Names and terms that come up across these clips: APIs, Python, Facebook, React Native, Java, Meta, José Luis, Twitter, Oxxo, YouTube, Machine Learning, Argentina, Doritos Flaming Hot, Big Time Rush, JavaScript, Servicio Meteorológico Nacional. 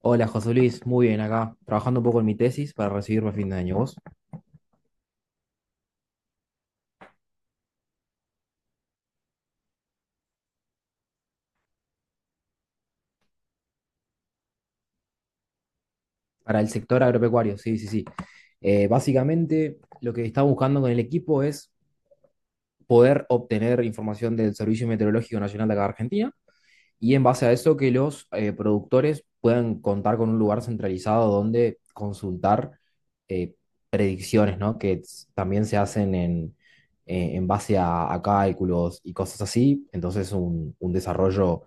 Hola José Luis, muy bien acá, trabajando un poco en mi tesis para recibirme a fin de año. ¿Vos? Para el sector agropecuario, sí, sí, sí. Básicamente, lo que estaba buscando con el equipo es poder obtener información del Servicio Meteorológico Nacional de acá de Argentina. Y en base a eso, que los productores puedan contar con un lugar centralizado donde consultar eh, predicciones, ¿no? Que también se hacen en base a cálculos y cosas así. Entonces, un desarrollo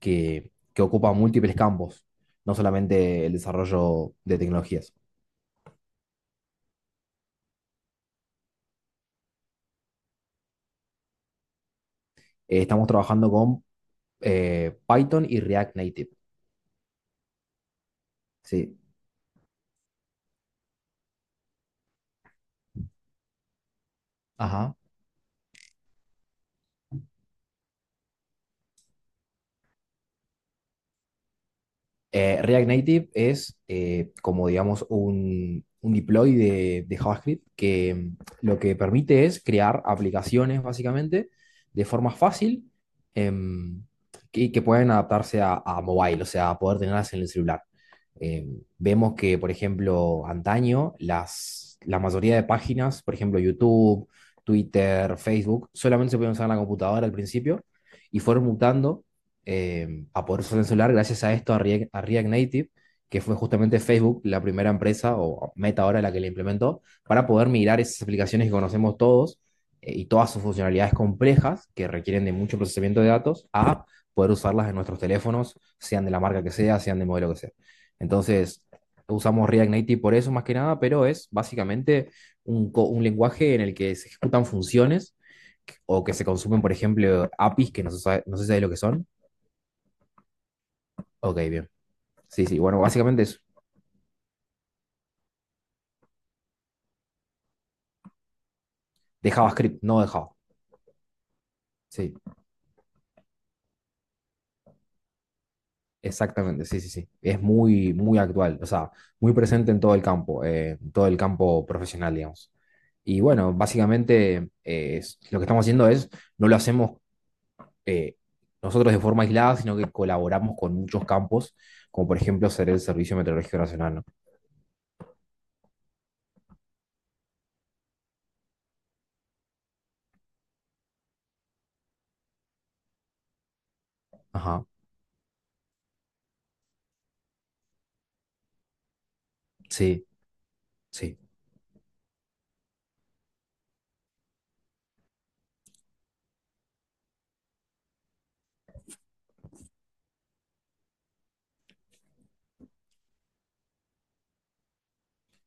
que ocupa múltiples campos, no solamente el desarrollo de tecnologías. Estamos trabajando con Python y React Native. Sí. Ajá. React Native es como, digamos, un deploy de JavaScript que lo que permite es crear aplicaciones, básicamente, de forma fácil, em, y que pueden adaptarse a mobile, o sea, a poder tenerlas en el celular. Vemos que, por ejemplo, antaño, la mayoría de páginas, por ejemplo, YouTube, Twitter, Facebook, solamente se podían usar en la computadora al principio y fueron mutando a poder usar el celular gracias a esto, a React Native, que fue justamente Facebook la primera empresa o meta ahora la que la implementó, para poder migrar esas aplicaciones que conocemos todos, y todas sus funcionalidades complejas que requieren de mucho procesamiento de datos a poder usarlas en nuestros teléfonos, sean de la marca que sea, sean de modelo que sea. Entonces, usamos React Native por eso más que nada, pero es básicamente un lenguaje en el que se ejecutan funciones o que se consumen, por ejemplo, APIs que no se sabe lo que son. Ok, bien. Sí, sí. Bueno, básicamente es de JavaScript, no de Java. Sí, exactamente. Sí, sí, sí. Es muy, muy actual. O sea, muy presente en todo el campo, en todo el campo profesional, digamos. Y bueno, básicamente lo que estamos haciendo es, no lo hacemos eh, nosotros de forma aislada, sino que colaboramos con muchos campos, como por ejemplo ser el Servicio Meteorológico Nacional, ¿no? Ajá. Sí, sí.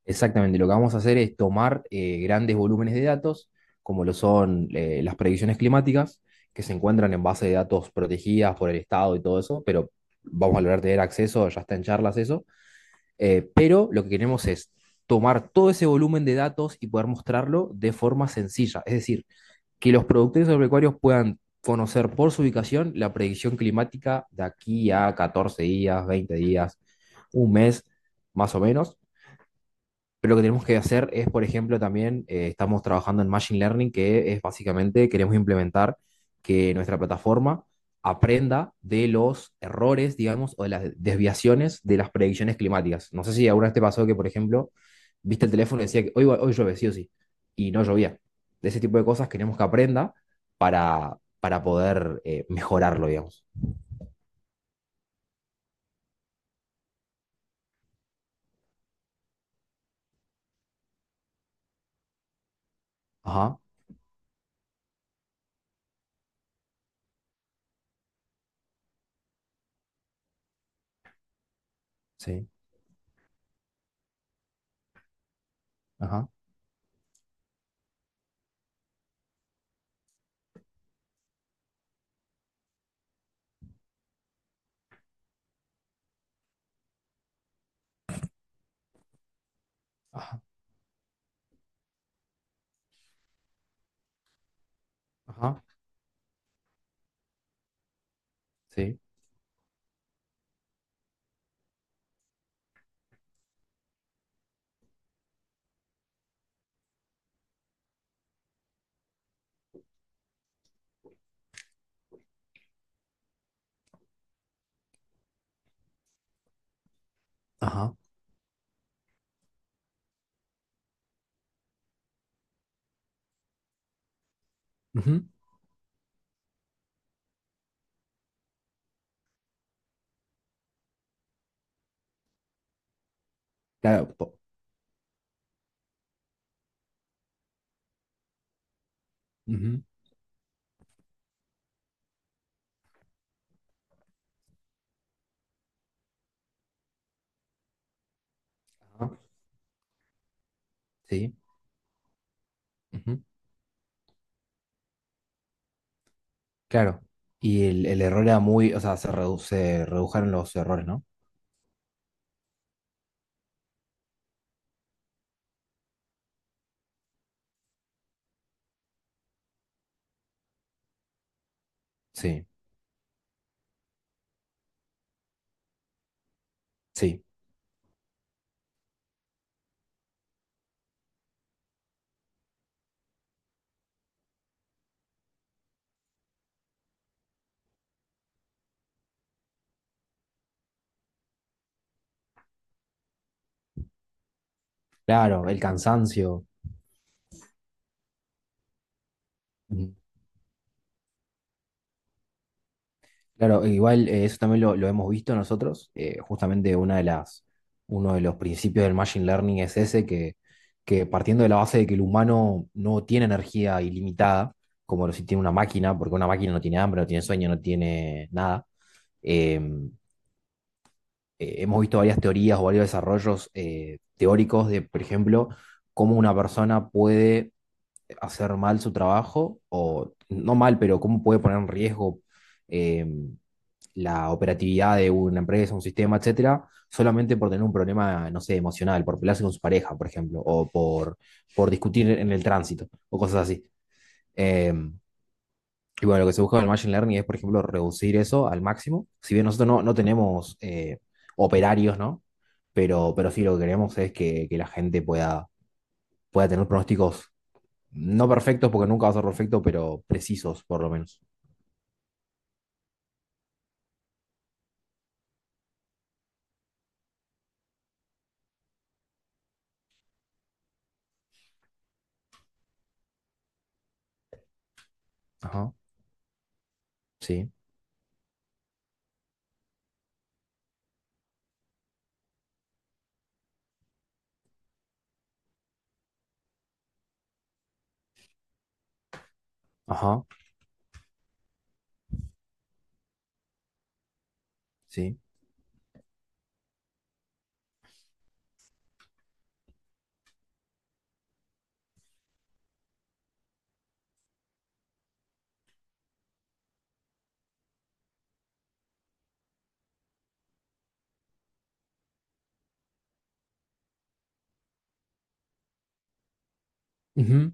Exactamente, lo que vamos a hacer es tomar grandes volúmenes de datos, como lo son las predicciones climáticas, que se encuentran en base de datos protegidas por el Estado y todo eso, pero vamos a lograr tener acceso, ya está en charlas eso. Pero lo que queremos es tomar todo ese volumen de datos y poder mostrarlo de forma sencilla, es decir, que los productores agropecuarios puedan conocer por su ubicación la predicción climática de aquí a 14 días, 20 días, un mes, más o menos. Pero lo que tenemos que hacer es, por ejemplo, también estamos trabajando en Machine Learning, que es básicamente queremos implementar que nuestra plataforma aprenda de los errores, digamos, o de las desviaciones de las predicciones climáticas. No sé si alguna vez te pasó que, por ejemplo, viste el teléfono y decía que hoy llueve, sí o sí, y no llovía. De ese tipo de cosas queremos que aprenda para, poder mejorarlo, digamos. Ajá, sí, ajá, ajá, ajá, sí, ajá. Ujú, claro, ujú, ajá. Sí, ujú, claro. Y el error era o sea, se redujeron los errores, ¿no? Sí, sí. Claro, el cansancio. Ujú. Claro, igual, eso también lo hemos visto nosotros. Justamente uno de los principios del machine learning es ese, que partiendo de la base de que el humano no tiene energía ilimitada, como lo si tiene una máquina, porque una máquina no tiene hambre, no tiene sueño, no tiene nada. em, Hemos visto varias teorías o varios desarrollos teóricos de, por ejemplo, cómo una persona puede hacer mal su trabajo, o no mal, pero cómo puede poner en riesgo eh, la operatividad de una empresa, un sistema, etcétera, solamente por tener un problema, no sé, emocional, por pelearse con su pareja, por ejemplo, o por discutir en el tránsito, o cosas así. Eh, y bueno, lo que se busca con el Machine Learning es, por ejemplo, reducir eso al máximo. Si bien nosotros no tenemos operarios, ¿no? Pero sí lo que queremos es que la gente pueda tener pronósticos no perfectos, porque nunca va a ser perfecto, pero precisos, por lo menos. Ajá, sí, ajá, sí. Ujú,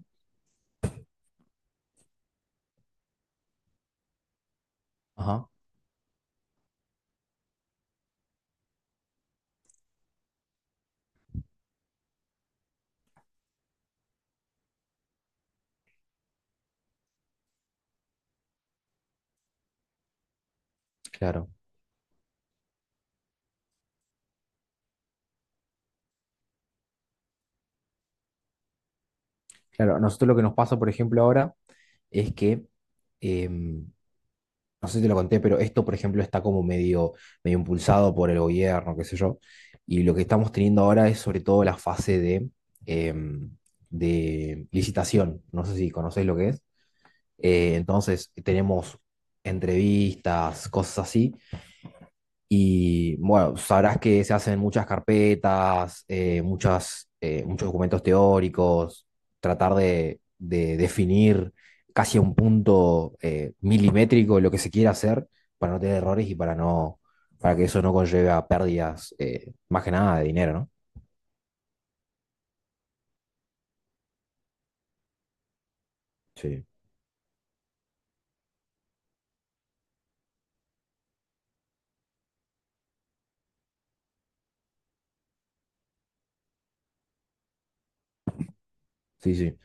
ajá, claro, claro. A nosotros lo que nos pasa, por ejemplo, ahora es que, em, no sé si te lo conté, pero esto, por ejemplo, está como medio, medio impulsado por el gobierno, qué sé yo. Y lo que estamos teniendo ahora es sobre todo la fase em, de licitación. No sé si conocéis lo que es. Entonces, tenemos entrevistas, cosas así, y bueno, sabrás que se hacen muchas carpetas, muchos documentos teóricos, tratar de definir casi a un punto milimétrico lo que se quiere hacer para no tener errores y para que eso no conlleve a pérdidas, más que nada de dinero, ¿no? Sí, sí, sí.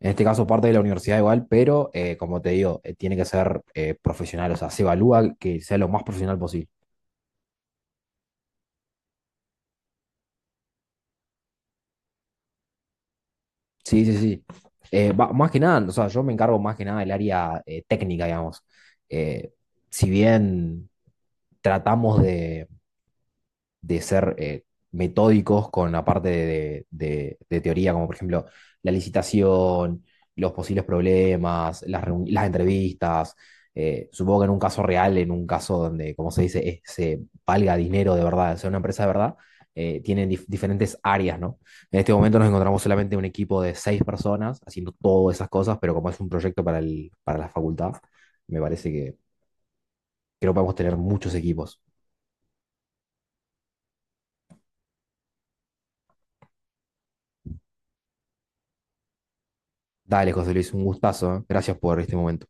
En este caso parte de la universidad igual, pero como te digo, tiene que ser profesional, o sea, se evalúa que sea lo más profesional posible. Sí, sí, sí. Más que nada, o sea, yo me encargo más que nada del área técnica, digamos. Eh, si bien tratamos de ser metódicos con la parte de teoría, como por ejemplo la licitación, los posibles problemas, las entrevistas. Supongo que en un caso real, en un caso donde, como se dice, se valga dinero de verdad, sea una empresa de verdad, tienen diferentes áreas, ¿no? En este momento nos encontramos solamente un equipo de seis personas haciendo todas esas cosas, pero como es un proyecto para para la facultad, me parece que creo que podemos tener muchos equipos. Dale, José Luis, un gustazo, ¿eh? Gracias por este momento.